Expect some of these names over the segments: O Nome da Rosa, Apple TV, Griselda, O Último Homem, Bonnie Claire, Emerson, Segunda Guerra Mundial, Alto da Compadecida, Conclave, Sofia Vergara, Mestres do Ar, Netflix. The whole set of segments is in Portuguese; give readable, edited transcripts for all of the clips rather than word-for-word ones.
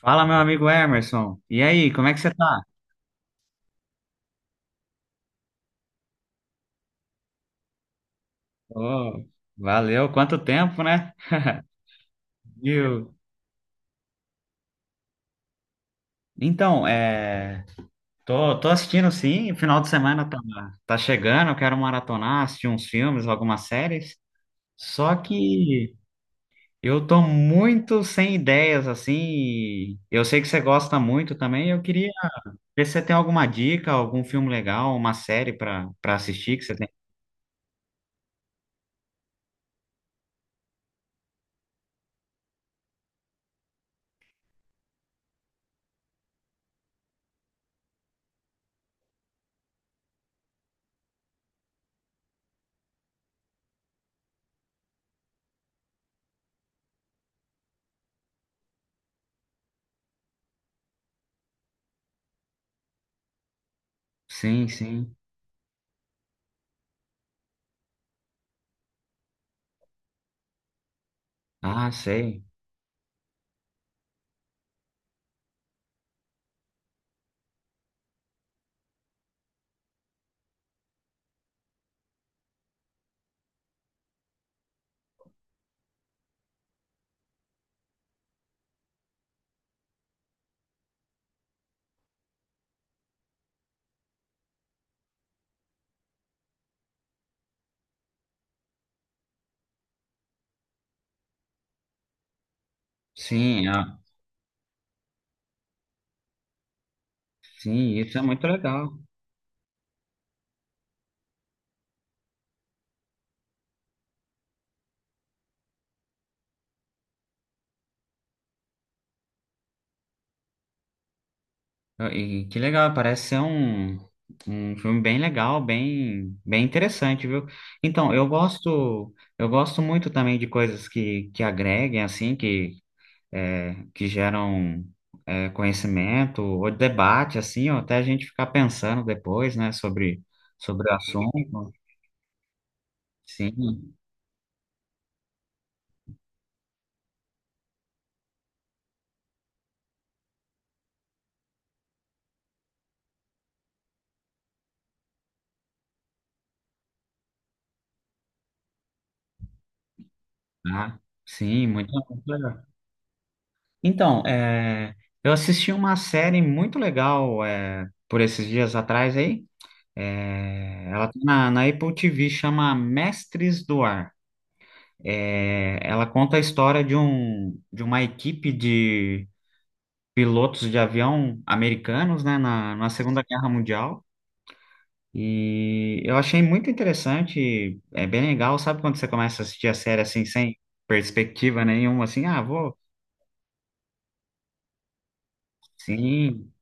Fala, meu amigo Emerson. E aí, como é que você tá? Ô, valeu, quanto tempo, né? Viu? Então, tô assistindo sim, o final de semana tá chegando, eu quero maratonar, assistir uns filmes, algumas séries. Só que eu tô muito sem ideias, assim, e eu sei que você gosta muito também, eu queria ver se você tem alguma dica, algum filme legal, uma série pra assistir que você tem. Sim, sim. Ah, sei. Sim, ah, sim, isso é muito legal. E que legal, parece ser um filme bem legal, bem interessante, viu? Então, eu gosto muito também de coisas que agreguem, assim, que geram conhecimento, ou debate, assim, ou até a gente ficar pensando depois, né, sobre, sobre o assunto. Sim, tá? Sim, muito, muito legal. Então, eu assisti uma série muito legal por esses dias atrás aí. É, ela tá na, na Apple TV, chama Mestres do Ar. É, ela conta a história de um, de uma equipe de pilotos de avião americanos, né, na, na Segunda Guerra Mundial. E eu achei muito interessante, é bem legal, sabe quando você começa a assistir a série assim, sem perspectiva nenhuma, assim, ah, vou, sim.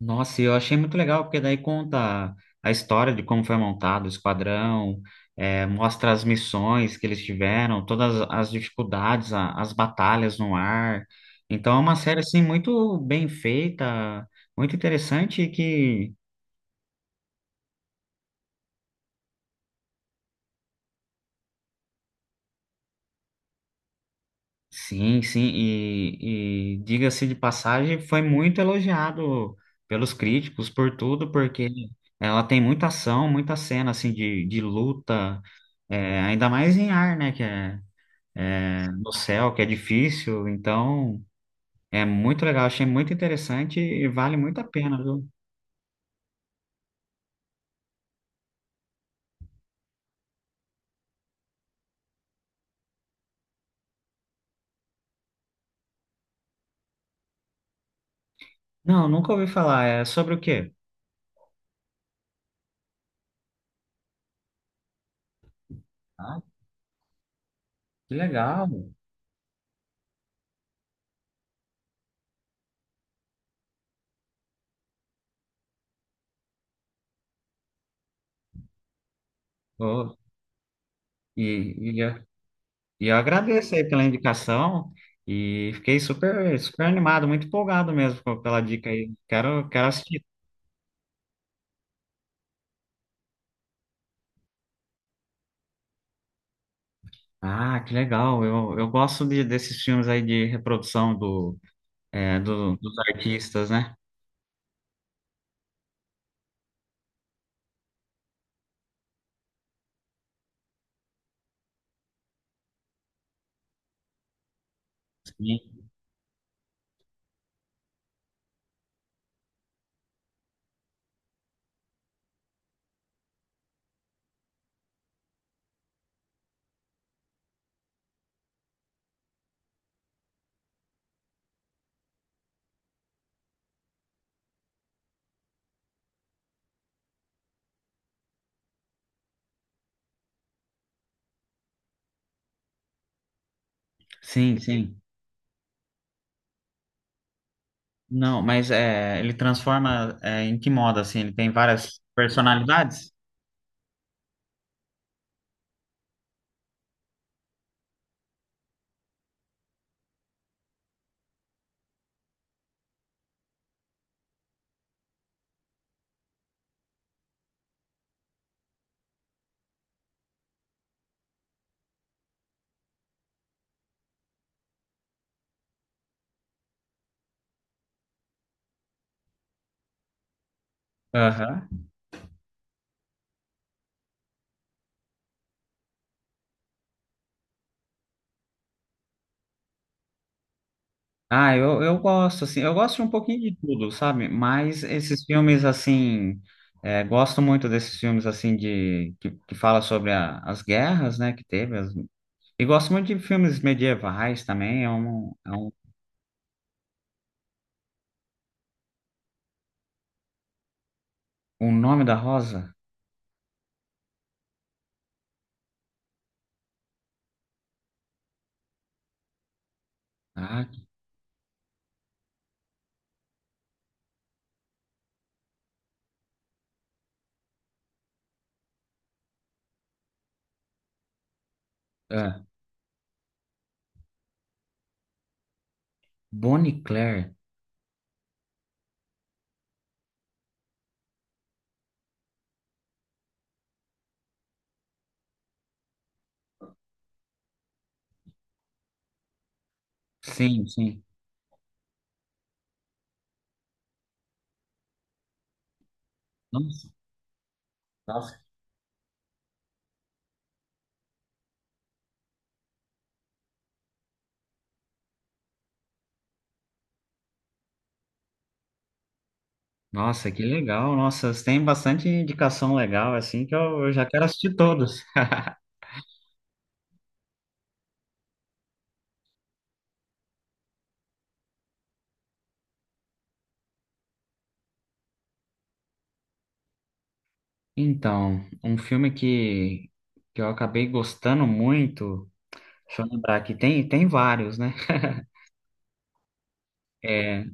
Nossa, e eu achei muito legal, porque daí conta a história de como foi montado o esquadrão, mostra as missões que eles tiveram, todas as dificuldades, as batalhas no ar. Então é uma série, assim, muito bem feita, muito interessante e que, sim, sim, e diga-se de passagem, foi muito elogiado pelos críticos por tudo, porque ela tem muita ação, muita cena, assim, de luta, ainda mais em ar, né, que é no céu, que é difícil. Então, é muito legal, achei muito interessante e vale muito a pena, viu? Não, nunca ouvi falar. É sobre o quê? Que legal. Ô, e, e, eu, e eu agradeço aí pela indicação e fiquei super, super animado, muito empolgado mesmo com- pela dica aí. Quero, quero assistir. Ah, que legal. Eu gosto de, desses filmes aí de reprodução do, é, do, dos artistas, né? Sim, sim. sim. Não, mas é, ele transforma é, em que modo, assim? Ele tem várias personalidades? Aham. Ah, eu gosto, assim, eu gosto de um pouquinho de tudo, sabe? Mas esses filmes, assim, é, gosto muito desses filmes, assim, de, que fala sobre as guerras, né, que teve. As- E gosto muito de filmes medievais também, é um, O Nome da Rosa. Ah, que- é, Bonnie Claire. Sim, sim. Nossa, Nossa, que legal. Nossa, tem bastante indicação legal, assim, que eu já quero assistir todos. Então, um filme que eu acabei gostando muito, deixa eu lembrar aqui, tem, tem vários, né? É,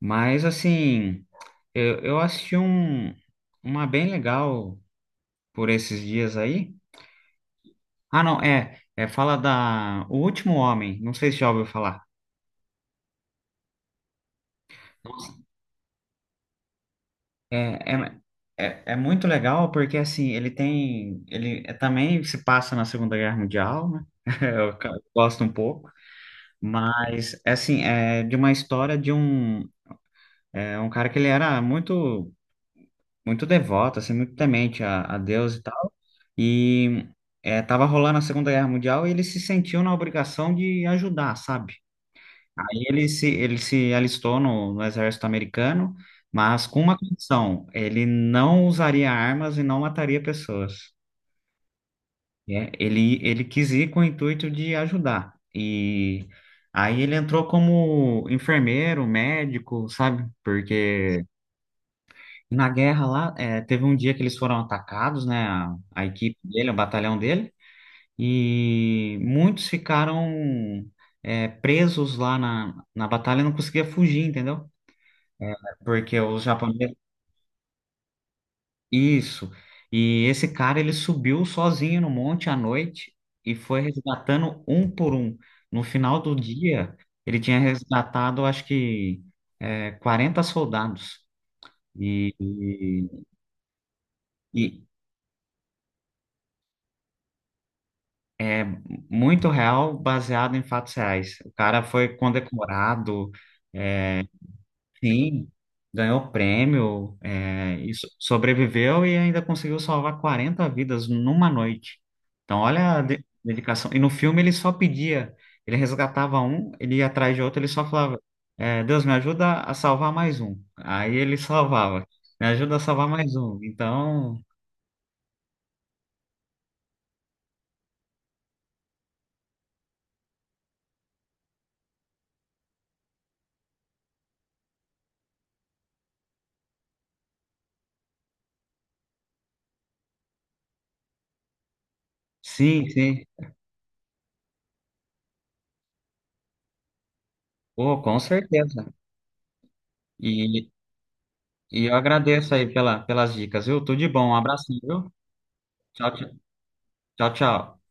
mas, assim, eu assisti um, uma bem legal por esses dias aí. Ah, não, é fala da O Último Homem, não sei se já ouviu falar. É, é, é muito legal porque assim ele tem ele é, também se passa na Segunda Guerra Mundial, né? Eu ca- gosto um pouco, mas assim é de uma história de um um cara que ele era muito devoto, assim muito temente a Deus e tal, e tava rolando a Segunda Guerra Mundial e ele se sentiu na obrigação de ajudar, sabe? Aí ele se alistou no exército americano, mas com uma condição, ele não usaria armas e não mataria pessoas. Né? Ele quis ir com o intuito de ajudar. E aí ele entrou como enfermeiro, médico, sabe? Porque na guerra lá, teve um dia que eles foram atacados, né? A equipe dele, o batalhão dele, e muitos ficaram, presos lá na, na batalha e não conseguia fugir, entendeu? Porque os japoneses. Isso. E esse cara, ele subiu sozinho no monte à noite e foi resgatando um por um. No final do dia, ele tinha resgatado, acho que, 40 soldados. E, e, e muito real, baseado em fatos reais. O cara foi condecorado. É, sim, ganhou prêmio, é, e sobreviveu e ainda conseguiu salvar 40 vidas numa noite. Então, olha a dedicação. E no filme ele só pedia, ele resgatava um, ele ia atrás de outro, ele só falava: Deus, me ajuda a salvar mais um. Aí ele salvava, me ajuda a salvar mais um. Então, sim, sim, pô, com certeza. E, e eu agradeço aí pela, pelas dicas, viu? Tudo de bom, um abraço, viu? Tchau, tchau, tchau. Tchau.